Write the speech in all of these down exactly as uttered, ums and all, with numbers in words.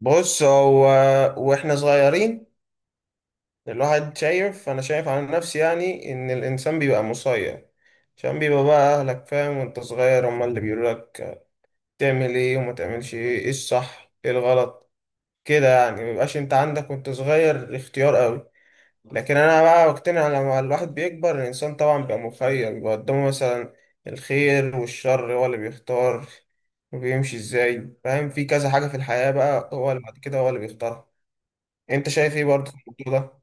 بص هو، واحنا صغيرين، الواحد شايف، انا شايف على نفسي يعني ان الانسان بيبقى مسير، عشان بيبقى بقى اهلك فاهم وانت صغير هما اللي بيقولوا لك تعمل ايه وما تعملش ايه، ايه الصح ايه الغلط، كده يعني مبيبقاش انت عندك وانت صغير اختيار قوي. لكن انا بقى بقتنع لما الواحد بيكبر، الانسان طبعا بيبقى مخير، بيبقى قدامه مثلا الخير والشر هو اللي بيختار وبيمشي ازاي، فاهم، في كذا حاجة في الحياة بقى هو اللي بعد كده هو اللي بيختارها. انت شايف ايه برضه في الموضوع ده؟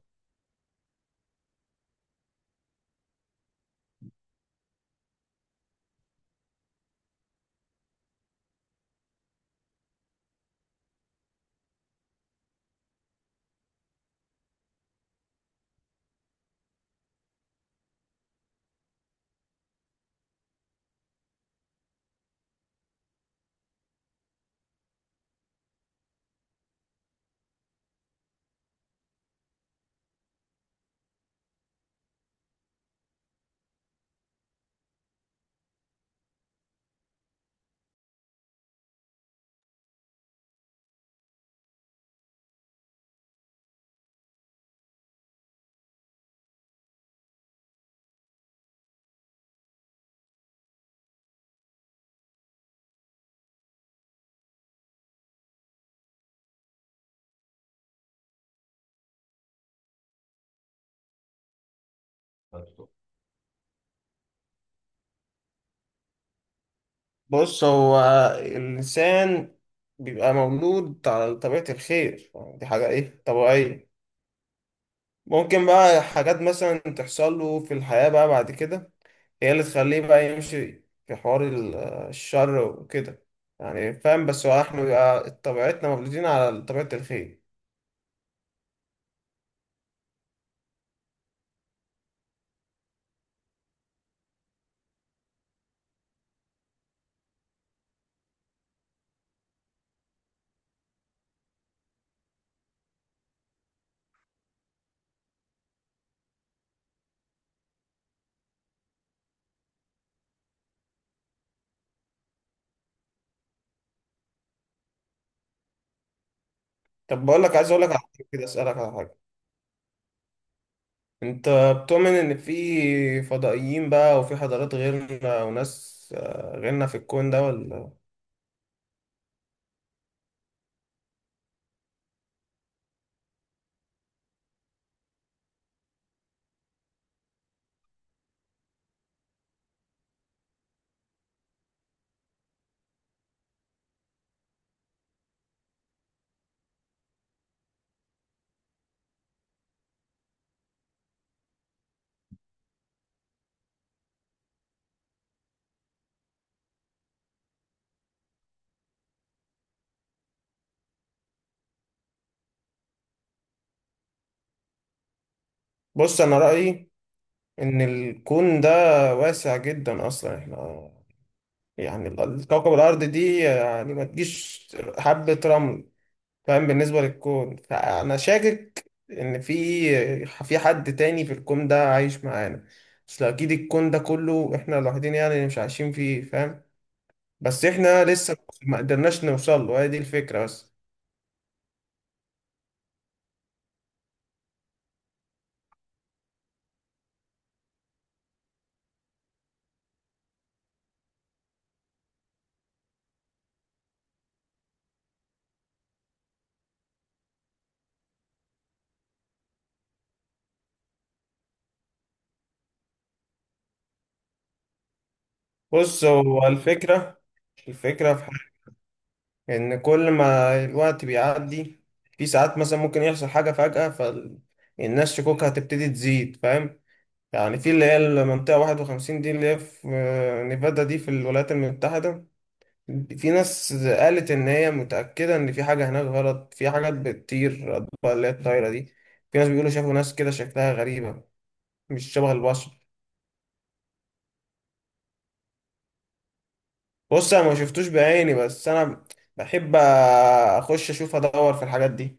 بص، هو الإنسان بيبقى مولود على طبيعة الخير، يعني دي حاجة إيه، طبيعية. ممكن بقى حاجات مثلا تحصل له في الحياة بقى بعد كده هي اللي تخليه بقى يمشي في حوار ال- الشر وكده، يعني فاهم، بس هو احنا بيبقى طبيعتنا مولودين على طبيعة الخير. طب بقول لك، عايز أقول لك على حاجة كده، أسألك على حاجة. انت بتؤمن ان في فضائيين بقى وفي حضارات غيرنا وناس آه، غيرنا في الكون ده ولا؟ بص انا رأيي ان الكون ده واسع جدا، اصلا احنا يعني ال- كوكب الارض دي يعني ما تجيش حبة رمل، فاهم، بالنسبة للكون، فانا شاكك ان في في حد تاني في الكون ده عايش معانا. اصل اكيد الكون ده كله احنا لوحدين يعني اللي مش عايشين فيه، فاهم، بس احنا لسه ما قدرناش نوصل له، هي دي الفكرة بس. بص، هو الفكرة، الفكرة في حاجة، إن كل ما الوقت بيعدي في ساعات مثلا ممكن يحصل حاجة فجأة، فالناس شكوكها هتبتدي تزيد، فاهم. يعني في اللي هي المنطقة واحد وخمسين دي، اللي هي في آه، نيفادا دي، في الولايات المتحدة، في ناس قالت إن هي متأكدة إن في حاجة هناك غلط، في حاجات بتطير، أطباق اللي هي الطايرة دي. في ناس بيقولوا شافوا ناس كده شكلها غريبة، مش شبه البشر. بص انا ما شفتوش بعيني، بس انا بحب اخش اشوف ادور في الحاجات دي.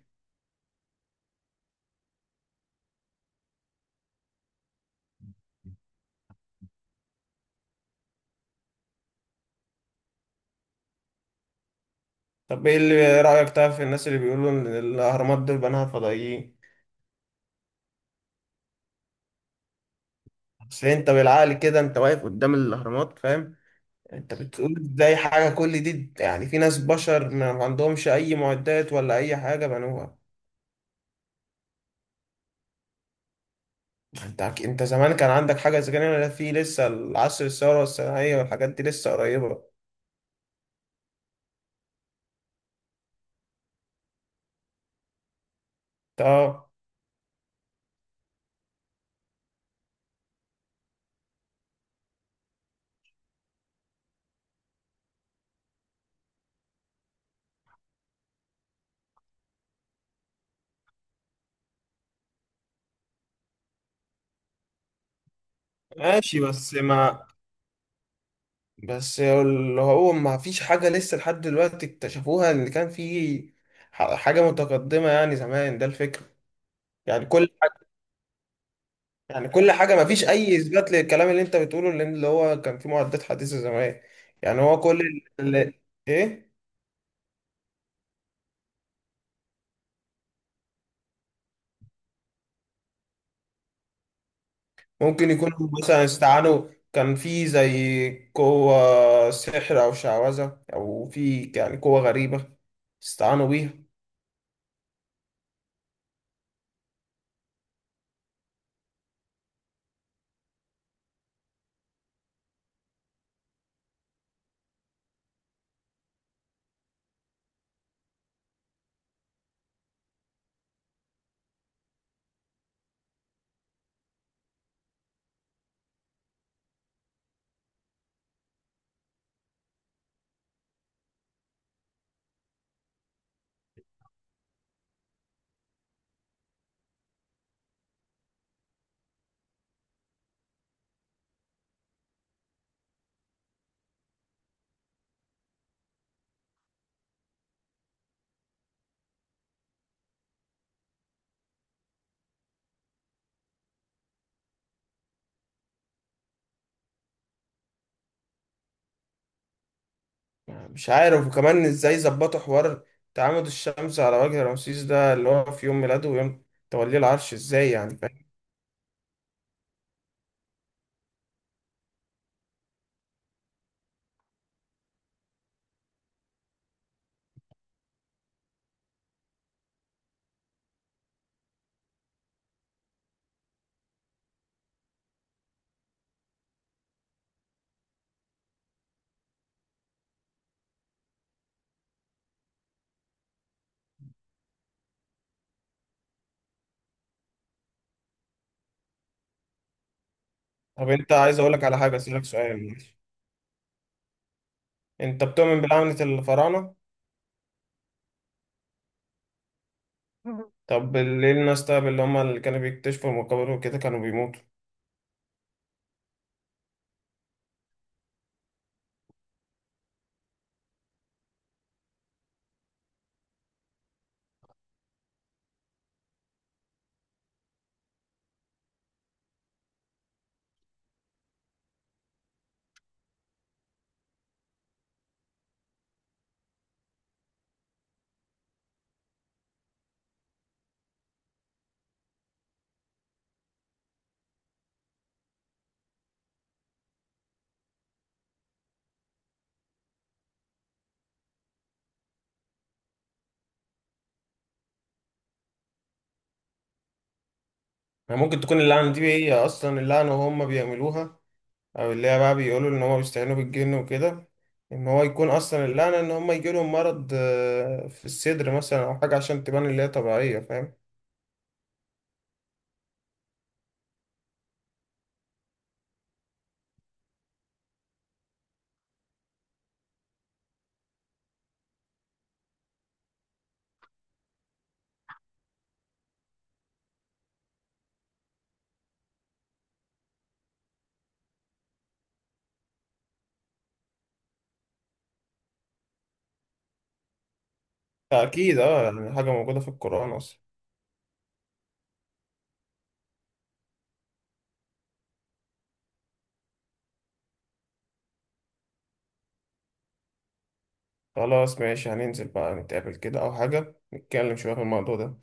طب ايه اللي رايك طيب في الناس اللي بيقولوا ان الاهرامات دول بناها فضائيين؟ اصل انت بالعقل كده، انت واقف قدام الاهرامات، فاهم، انت بتقول ازاي حاجه كل دي يعني في ناس بشر ما عندهمش اي معدات ولا اي حاجه بنوها؟ انت أك- انت زمان كان عندك حاجه زي كده؟ في لسه العصر الثوره الصناعيه والحاجات دي لسه قريبه. طب ماشي بس ما، بس اللي هو ما فيش حاجة لسه لحد دلوقتي اكتشفوها اللي كان فيه ح- حاجة متقدمة يعني زمان، ده الفكرة. يعني كل حاجة، يعني كل حاجة ما فيش أي إثبات للكلام اللي أنت بتقوله، لأن اللي هو كان فيه معدات حديثة زمان. يعني هو كل ال- ال- إيه، ممكن يكونوا مثلا استعانوا، كان فيه زي قوة سحر أو شعوذة أو في يعني قوة غريبة استعانوا بيها. يعني مش عارف، وكمان ازاي ظبطوا حوار تعامد الشمس على وجه رمسيس ده اللي هو في يوم ميلاده ويوم توليه العرش ازاي، يعني فاهم. طب انت عايز اقولك على حاجة، اسألك سؤال، انت بتؤمن بلعنة الفراعنة؟ طب ليه الناس طيب اللي هم اللي كانوا بيكتشفوا المقابر وكده كانوا بيموتوا؟ يعني ممكن تكون اللعنة دي هي اصلا اللعنة وهم بيعملوها، او اللي هي بقى بيقولوا ان هم بيستعينوا بالجن وكده، ان هو يكون اصلا اللعنة ان هم يجيلهم مرض آه، في الصدر مثلا او حاجة، عشان تبان اللي هي طبيعية، فاهم. أكيد أه، يعني حاجة موجودة في القرآن أصلا. خلاص ماشي، هننزل بقى نتقابل كده أو حاجة، نتكلم شوية في الموضوع ده.